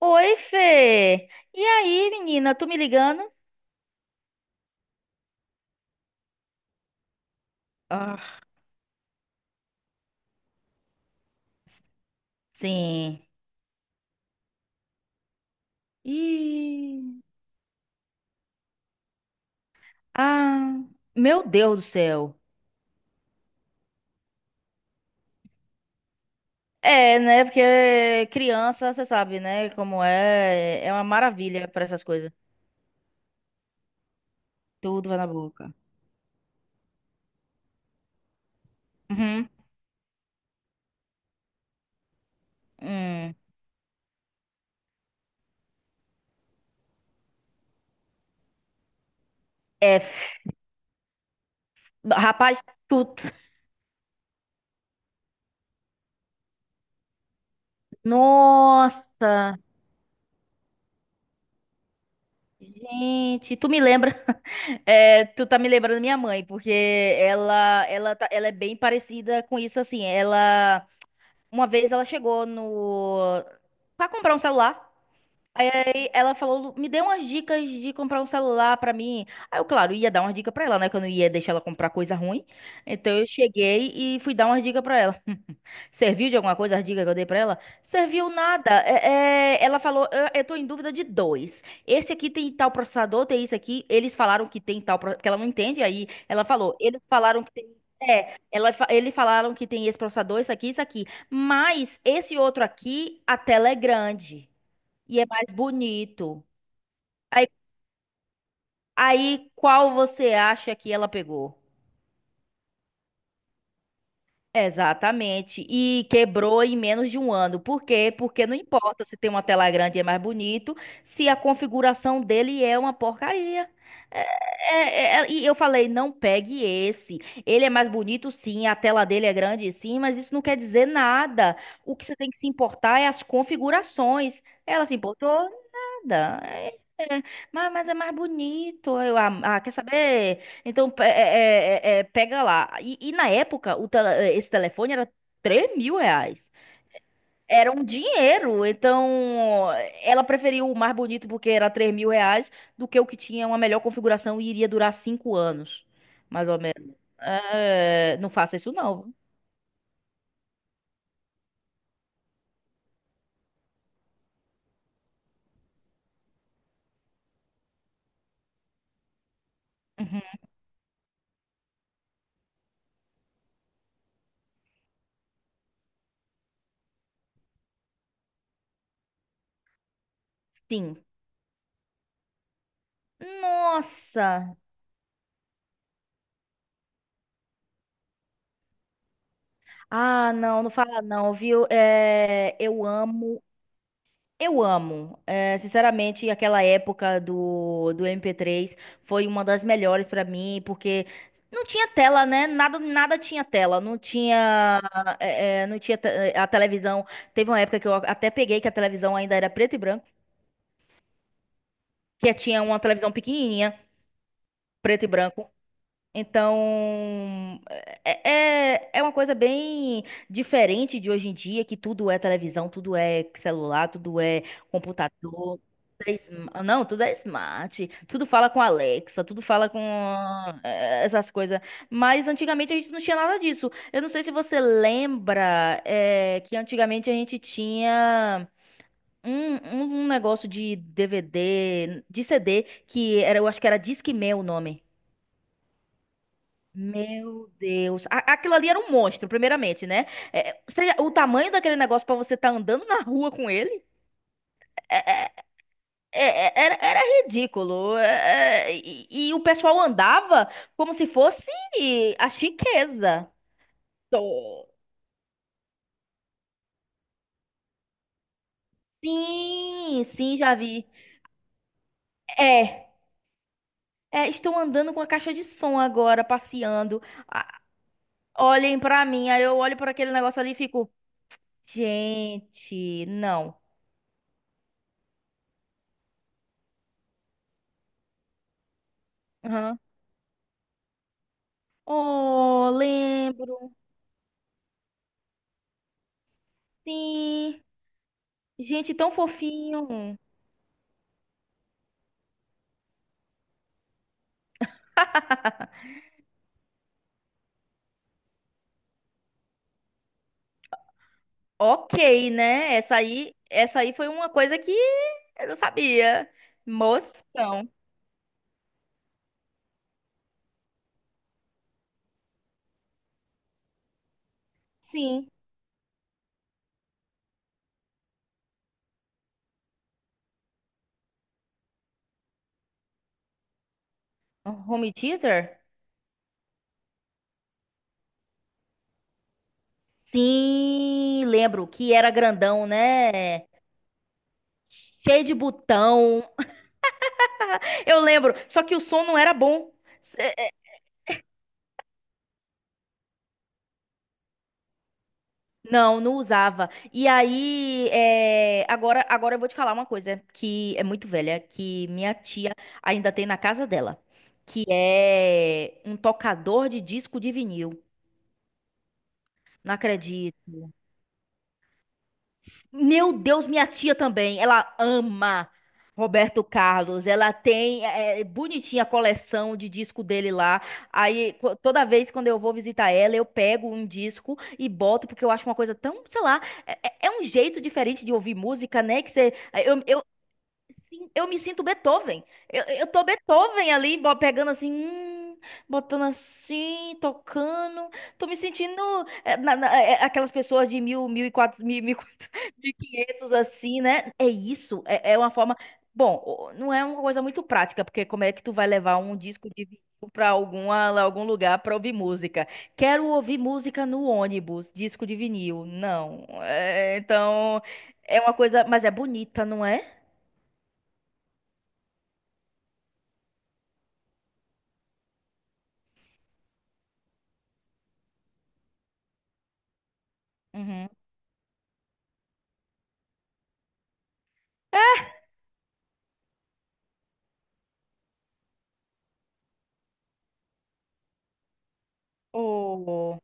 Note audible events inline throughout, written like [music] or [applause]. Oi, Fê! E aí, menina, tu me ligando? Ah, sim. Ih. Ah, meu Deus do céu. É, né? Porque criança, você sabe, né? Como é, é uma maravilha para essas coisas. Tudo vai na boca. Uhum. Hum. É, rapaz, tu. Nossa! Gente, tu me lembra? [laughs] É, tu tá me lembrando da minha mãe, porque ela é bem parecida com isso, assim. Ela. Uma vez ela chegou no... Pra comprar um celular. Aí ela falou, me dê umas dicas de comprar um celular pra mim. Aí eu, claro, ia dar umas dicas pra ela, né? Que eu não ia deixar ela comprar coisa ruim. Então eu cheguei e fui dar umas dicas pra ela. [laughs] Serviu de alguma coisa as dicas que eu dei pra ela? Serviu nada. É, ela falou, eu tô em dúvida de dois. Esse aqui tem tal processador, tem isso aqui. Eles falaram que tem tal, porque ela não entende. Aí ela falou, eles falaram que tem. É, eles falaram que tem esse processador, isso aqui, isso aqui. Mas esse outro aqui, a tela é grande. E é mais bonito. Aí, aí, qual você acha que ela pegou? Exatamente. E quebrou em menos de um ano. Por quê? Porque não importa se tem uma tela grande e é mais bonito, se a configuração dele é uma porcaria. É- é, e eu falei, não pegue esse. Ele é mais bonito, sim, a tela dele é grande, sim, mas isso não quer dizer nada. O que você tem que se importar é as configurações. Ela se importou? Nada. É, é, é. Mas é mais bonito. Eu, ah, ah, quer saber? Então, pega lá. E na época, esse telefone era R$ 3.000. Era um dinheiro. Então, ela preferiu o mais bonito porque era R$ 3.000 do que o que tinha uma melhor configuração e iria durar 5 anos, mais ou menos. É, não faça isso, não. Uhum. Sim. Nossa! Ah, não, não fala não, viu? É, eu amo. Eu amo. É, sinceramente, aquela época do MP3 foi uma das melhores pra mim, porque não tinha tela, né? Nada, nada tinha tela. Não tinha a televisão. Teve uma época que eu até peguei que a televisão ainda era preto e branco, que tinha uma televisão pequenininha, preto e branco. Então, é, é uma coisa bem diferente de hoje em dia, que tudo é televisão, tudo é celular, tudo é computador, não, tudo é smart, tudo fala com Alexa, tudo fala com essas coisas. Mas antigamente a gente não tinha nada disso. Eu não sei se você lembra, que antigamente a gente tinha. Um negócio de DVD, de CD, que era, eu acho que era Discman o nome. Meu Deus. Aquilo ali era um monstro, primeiramente, né? É, seja, o tamanho daquele negócio pra você estar andando na rua com ele é- é- era ridículo. E o pessoal andava como se fosse a chiqueza. Tô. Sim, sim, já vi. É. É, estou andando com a caixa de som agora, passeando. Ah, olhem pra mim. Aí eu olho para aquele negócio ali e fico, gente, não. Aham. Oh, lembro. Sim, gente, tão fofinho. Ok, né? Essa aí foi uma coisa que eu não sabia. Moção. Sim. Home Theater? Sim, lembro que era grandão, né? Cheio de botão. [laughs] Eu lembro, só que o som não era bom. Não, não usava. E aí, é, agora eu vou te falar uma coisa que é muito velha, que minha tia ainda tem na casa dela, que é um tocador de disco de vinil. Não acredito. Meu Deus, minha tia também. Ela ama Roberto Carlos. Ela tem bonitinha a coleção de disco dele lá. Aí toda vez quando eu vou visitar ela, eu pego um disco e boto, porque eu acho uma coisa tão, sei lá, é um jeito diferente de ouvir música, né? Que você, eu, eu, sim, eu me sinto Beethoven. Eu tô Beethoven ali, pegando assim, botando assim, tocando. Tô me sentindo aquelas pessoas de [laughs] 1500, assim, né? É isso. É, é uma forma. Bom, não é uma coisa muito prática, porque como é que tu vai levar um disco de vinil pra algum lugar pra ouvir música? Quero ouvir música no ônibus, disco de vinil. Não. É, então, é uma coisa, mas é bonita, não é? Uhum. Oh.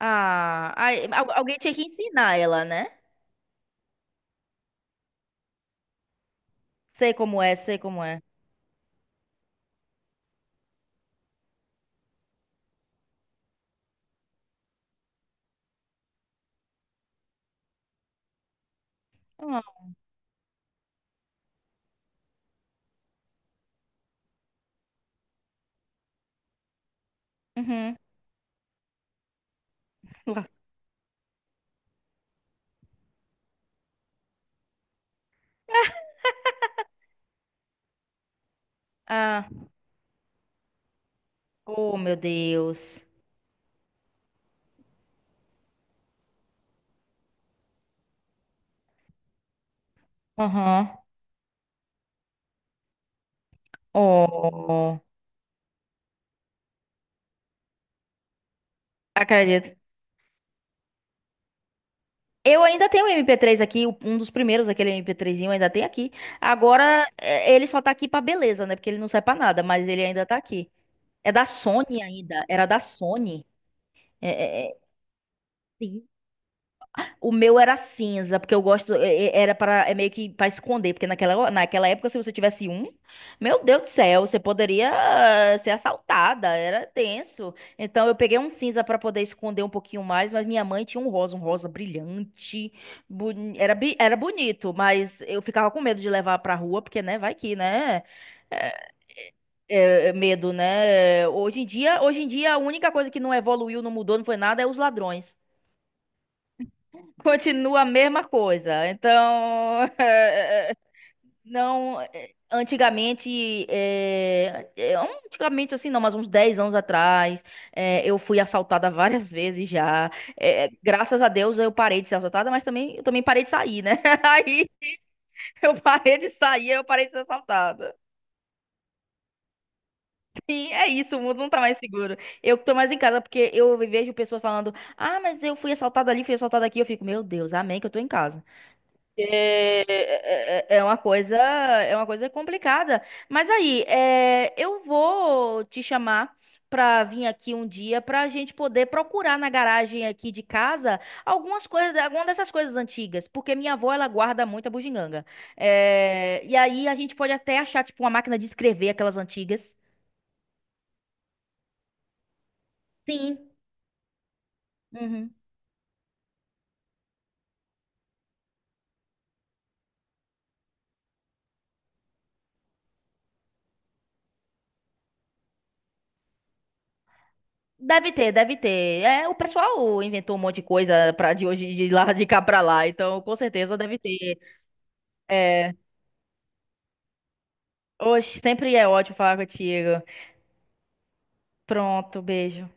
Ah, ai, alguém tinha que ensinar ela, né? Sei como é, sei como é. Ah, uhum. Nossa. Ah, oh, meu Deus. Aham. Oh, acredito. Eu ainda tenho o MP3 aqui, um dos primeiros, aquele MP3zinho, ainda tem aqui. Agora, é, ele só tá aqui pra beleza, né? Porque ele não serve pra nada, mas ele ainda tá aqui. É da Sony ainda, era da Sony. É, é, é, sim. O meu era cinza, porque eu gosto, era para é meio que para esconder, porque naquela época se você tivesse um, meu Deus do céu, você poderia ser assaltada, era tenso. Então eu peguei um cinza para poder esconder um pouquinho mais, mas minha mãe tinha um rosa brilhante, era bonito, mas eu ficava com medo de levar pra rua, porque né, vai que, né? É, é, medo, né? Hoje em dia, a única coisa que não evoluiu, não mudou, não foi nada, é os ladrões. Continua a mesma coisa. Então, [laughs] não. Antigamente, assim, não, mas uns 10 anos atrás, eu fui assaltada [laughs] várias vezes já. Graças a Deus eu parei de ser assaltada, mas também, eu também parei de sair, né? [laughs] Aí eu parei de sair, eu parei de ser assaltada. Sim, é isso, o mundo não tá mais seguro. Eu tô mais em casa porque eu vejo pessoas falando: ah, mas eu fui assaltada ali, fui assaltada aqui. Eu fico, meu Deus, amém que eu tô em casa. É, uma coisa, é uma coisa complicada. Mas aí, é, eu vou te chamar pra vir aqui um dia pra gente poder procurar na garagem aqui de casa algumas coisas, alguma dessas coisas antigas, porque minha avó ela guarda muita bugiganga. É, e aí a gente pode até achar tipo uma máquina de escrever aquelas antigas. Sim. Uhum. Deve ter, deve ter. É, o pessoal inventou um monte de coisa para de hoje de lá de cá pra lá, então com certeza deve ter. é, Oxe, sempre é ótimo falar contigo. Pronto, beijo.